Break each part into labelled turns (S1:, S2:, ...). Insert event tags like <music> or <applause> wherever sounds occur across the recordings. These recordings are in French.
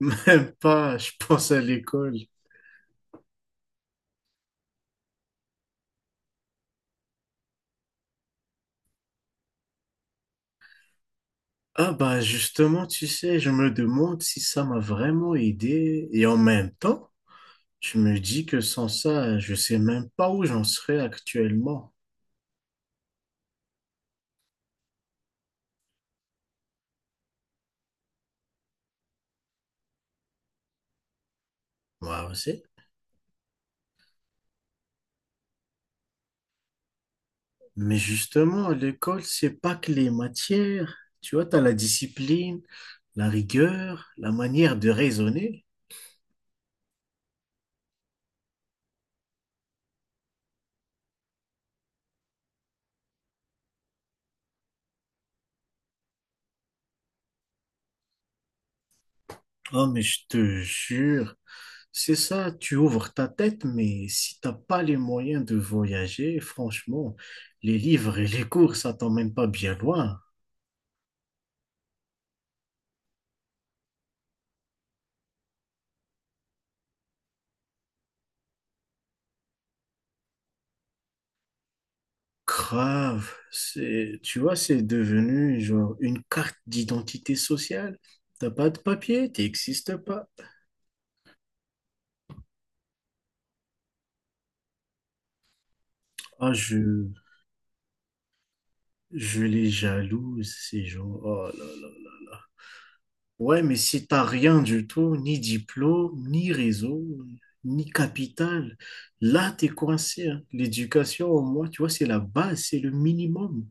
S1: Même pas, je pense à l'école. Ah bah justement, tu sais, je me demande si ça m'a vraiment aidé. Et en même temps, je me dis que sans ça, je sais même pas où j'en serais actuellement. Moi aussi. Mais justement, l'école, c'est pas que les matières. Tu vois, t'as la discipline, la rigueur, la manière de raisonner. Oh mais je te jure. C'est ça, tu ouvres ta tête, mais si t'as pas les moyens de voyager, franchement, les livres et les cours, ça t'emmène pas bien loin. Grave, c'est, tu vois, c'est devenu genre une carte d'identité sociale. T'as pas de papier, t'existes pas. Ah, je, je les jalouse, ces gens. Oh là là. Ouais, mais si t'as rien du tout, ni diplôme, ni réseau, ni capital, là, t'es coincé, hein. L'éducation, au moins, tu vois, c'est la base, c'est le minimum.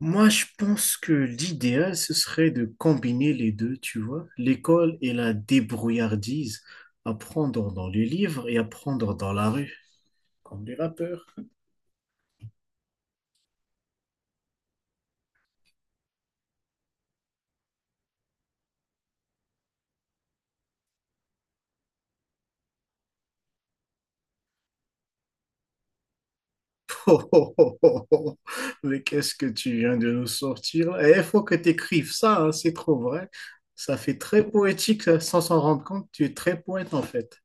S1: Moi, je pense que l'idéal, ce serait de combiner les deux, tu vois, l'école et la débrouillardise, apprendre dans les livres et apprendre dans la rue, comme les rappeurs. Oh, oh, oh, oh, oh. Mais qu'est-ce que tu viens de nous sortir là? Eh, il faut que tu écrives ça, hein, c'est trop vrai. Ça fait très poétique ça, sans s'en rendre compte. Tu es très poète en fait.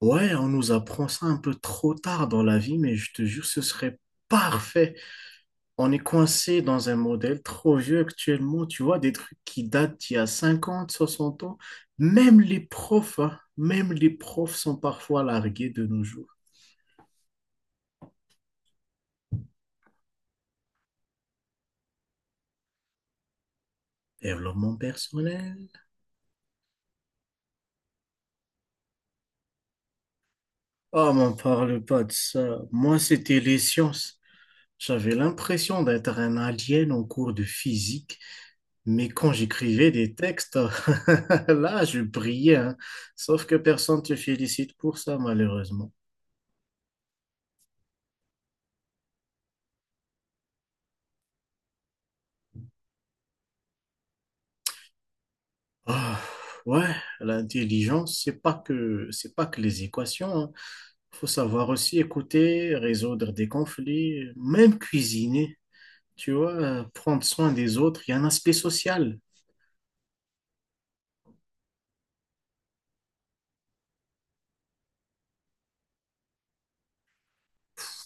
S1: Ouais, on nous apprend ça un peu trop tard dans la vie, mais je te jure, ce serait parfait. On est coincé dans un modèle trop vieux actuellement. Tu vois, des trucs qui datent d'il y a 50, 60 ans. Même les profs, hein, même les profs sont parfois largués de nos jours. Développement personnel. Oh, m'en parle pas de ça. Moi, c'était les sciences. J'avais l'impression d'être un alien en cours de physique, mais quand j'écrivais des textes, <laughs> là, je brillais, hein. Sauf que personne ne te félicite pour ça, malheureusement. Ah, ouais, l'intelligence, c'est pas que les équations, hein. Faut savoir aussi écouter, résoudre des conflits, même cuisiner. Tu vois, prendre soin des autres, il y a un aspect social.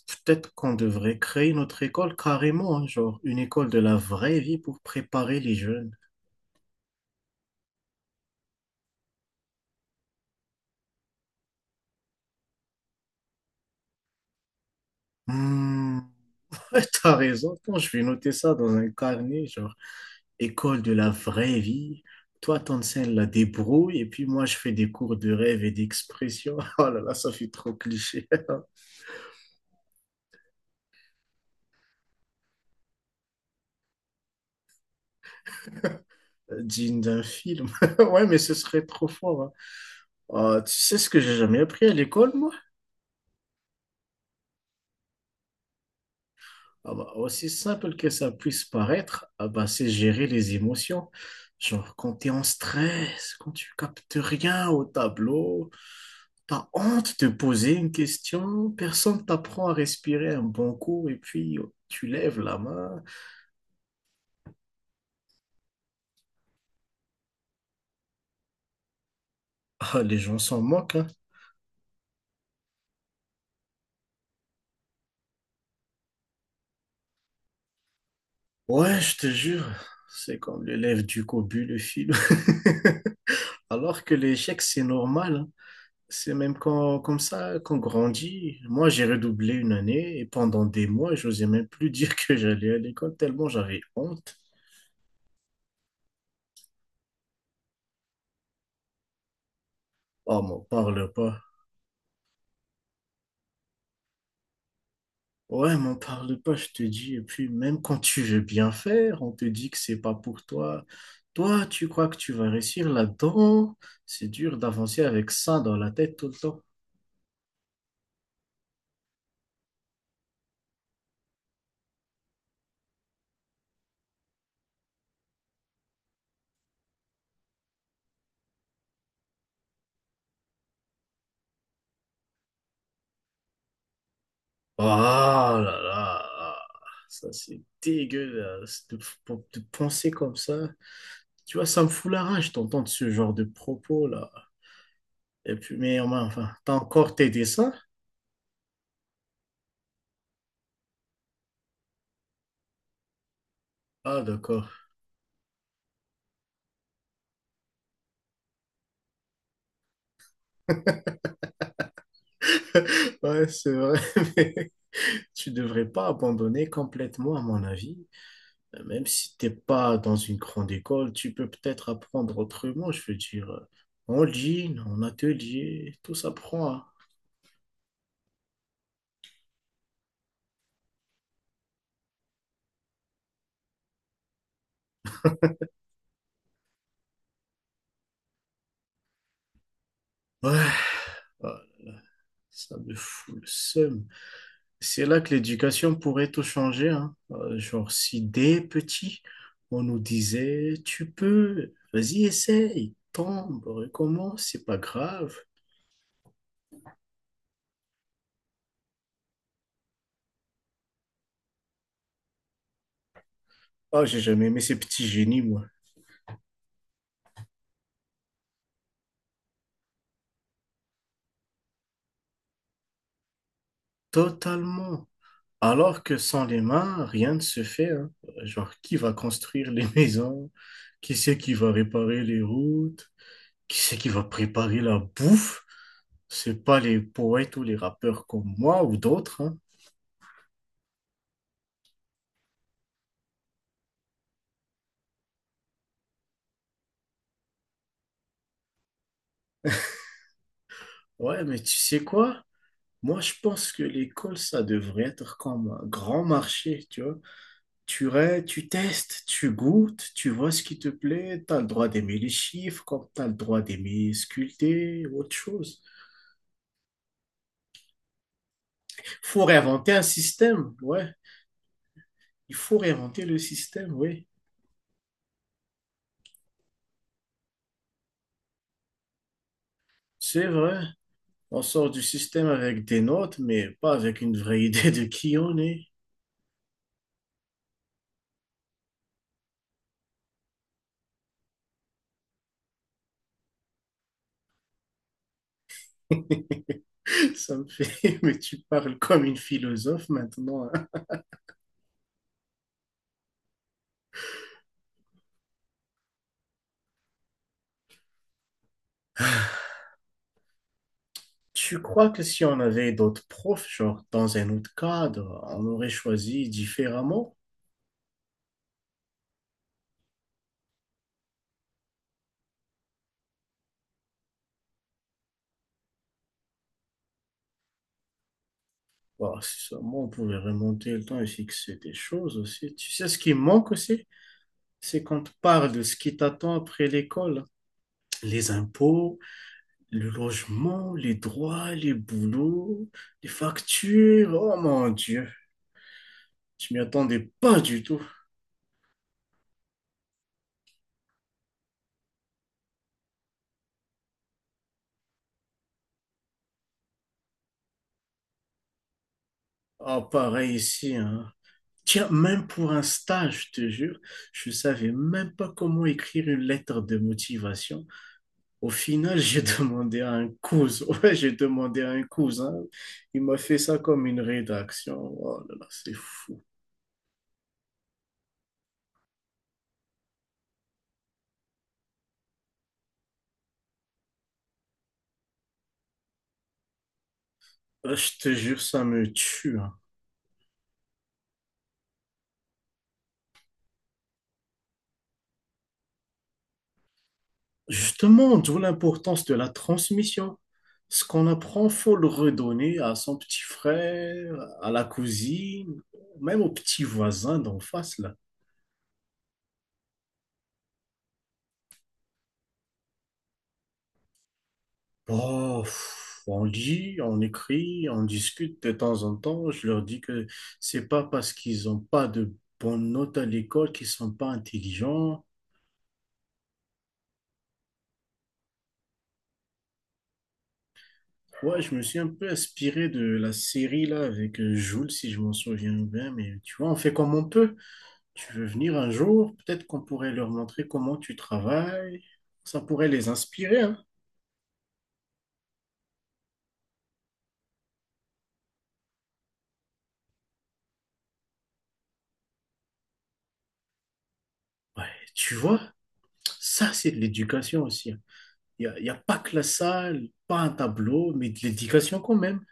S1: Peut-être qu'on devrait créer notre école carrément, hein, genre une école de la vraie vie pour préparer les jeunes. Hmm, <laughs> ouais, t'as raison. Attends, je vais noter ça dans un carnet, genre école de la vraie vie. Toi, t'enseignes la débrouille et puis moi, je fais des cours de rêve et d'expression. <laughs> Oh là là, ça fait trop cliché. <laughs> Digne d'un film. <laughs> Ouais, mais ce serait trop fort, hein. Ah, tu sais ce que j'ai jamais appris à l'école, moi? Ah bah, aussi simple que ça puisse paraître, ah bah, c'est gérer les émotions. Genre, quand t'es en stress, quand tu captes rien au tableau, t'as honte de poser une question, personne t'apprend à respirer un bon coup, et puis oh, tu lèves la main. Ah, les gens s'en moquent, hein. Ouais, je te jure, c'est comme l'élève du cobu, le film. <laughs> Alors que l'échec, c'est normal, hein. C'est même comme ça qu'on grandit. Moi, j'ai redoublé une année et pendant des mois, j'osais même plus <laughs> dire que j'allais à l'école tellement j'avais honte. Oh, m'en parle pas. Ouais, m'en parle pas, je te dis. Et puis, même quand tu veux bien faire, on te dit que c'est pas pour toi. Toi, tu crois que tu vas réussir là-dedans? C'est dur d'avancer avec ça dans la tête tout le temps. Oh là là, là. Ça c'est dégueulasse de penser comme ça. Tu vois, ça me fout la rage d'entendre ce genre de propos là. Et puis, mais enfin, t'as encore t'aider ça? Ah d'accord. <laughs> Ouais, c'est vrai, <laughs> mais tu devrais pas abandonner complètement, à mon avis. Même si t'es pas dans une grande école, tu peux peut-être apprendre autrement, je veux dire. En ligne, en atelier, tout s'apprend, hein. Ouais, ouais, ça me fout le seum. C'est là que l'éducation pourrait tout changer, hein. Genre, si dès petit, on nous disait, tu peux, vas-y, essaye, tombe, recommence, c'est pas grave. Ah, j'ai jamais aimé ces petits génies, moi. Totalement. Alors que sans les mains, rien ne se fait, hein. Genre, qui va construire les <laughs> maisons? Qui c'est qui va réparer les routes? Qui c'est qui va préparer la bouffe? C'est pas les poètes ou les rappeurs comme moi ou d'autres, hein. Ouais, mais tu sais quoi? Moi, je pense que l'école, ça devrait être comme un grand marché, tu vois. Tu testes, tu goûtes, tu vois ce qui te plaît, tu as le droit d'aimer les chiffres, comme tu as le droit d'aimer sculpter ou autre chose. Il faut réinventer un système, ouais. Il faut réinventer le système, oui. C'est vrai. On sort du système avec des notes, mais pas avec une vraie <laughs> idée de qui on est. <laughs> Ça me fait, <laughs> mais tu parles comme une philosophe maintenant, hein. Tu crois que si on avait d'autres profs, genre dans un autre cadre, on aurait choisi différemment? Bah, si seulement on pouvait remonter le temps et fixer des choses aussi. Tu sais ce qui manque aussi? C'est qu'on te parle de ce qui t'attend après l'école. Les impôts, le logement, les droits, les boulots, les factures. Oh mon Dieu, je m'y attendais pas du tout. Ah, pareil ici, hein. Tiens, même pour un stage, je te jure, je ne savais même pas comment écrire une lettre de motivation. Au final, j'ai <laughs> demandé à un cousin. <laughs> Ouais, j'ai demandé à un cousin. Il m'a fait ça comme une rédaction. Oh là là, c'est fou. Je te jure, ça me tue, hein. Justement, d'où l'importance de la transmission. Ce qu'on apprend, faut le redonner à son petit frère, à la cousine, même au petit voisin d'en face, là. Oh, pff, on lit, on écrit, on discute de temps en temps. Je leur dis que c'est pas parce qu'ils n'ont pas de bonnes notes à l'école qu'ils sont pas intelligents. Ouais, je me suis un peu inspiré de la série là avec Jules, si je m'en souviens bien. Mais tu vois, on fait comme on peut. Tu veux venir un jour, peut-être qu'on pourrait leur montrer comment tu travailles. Ça pourrait les inspirer, hein. Ouais, tu vois, ça c'est de l'éducation aussi, hein. Il y a pas que la salle, pas un tableau, mais de l'éducation quand même.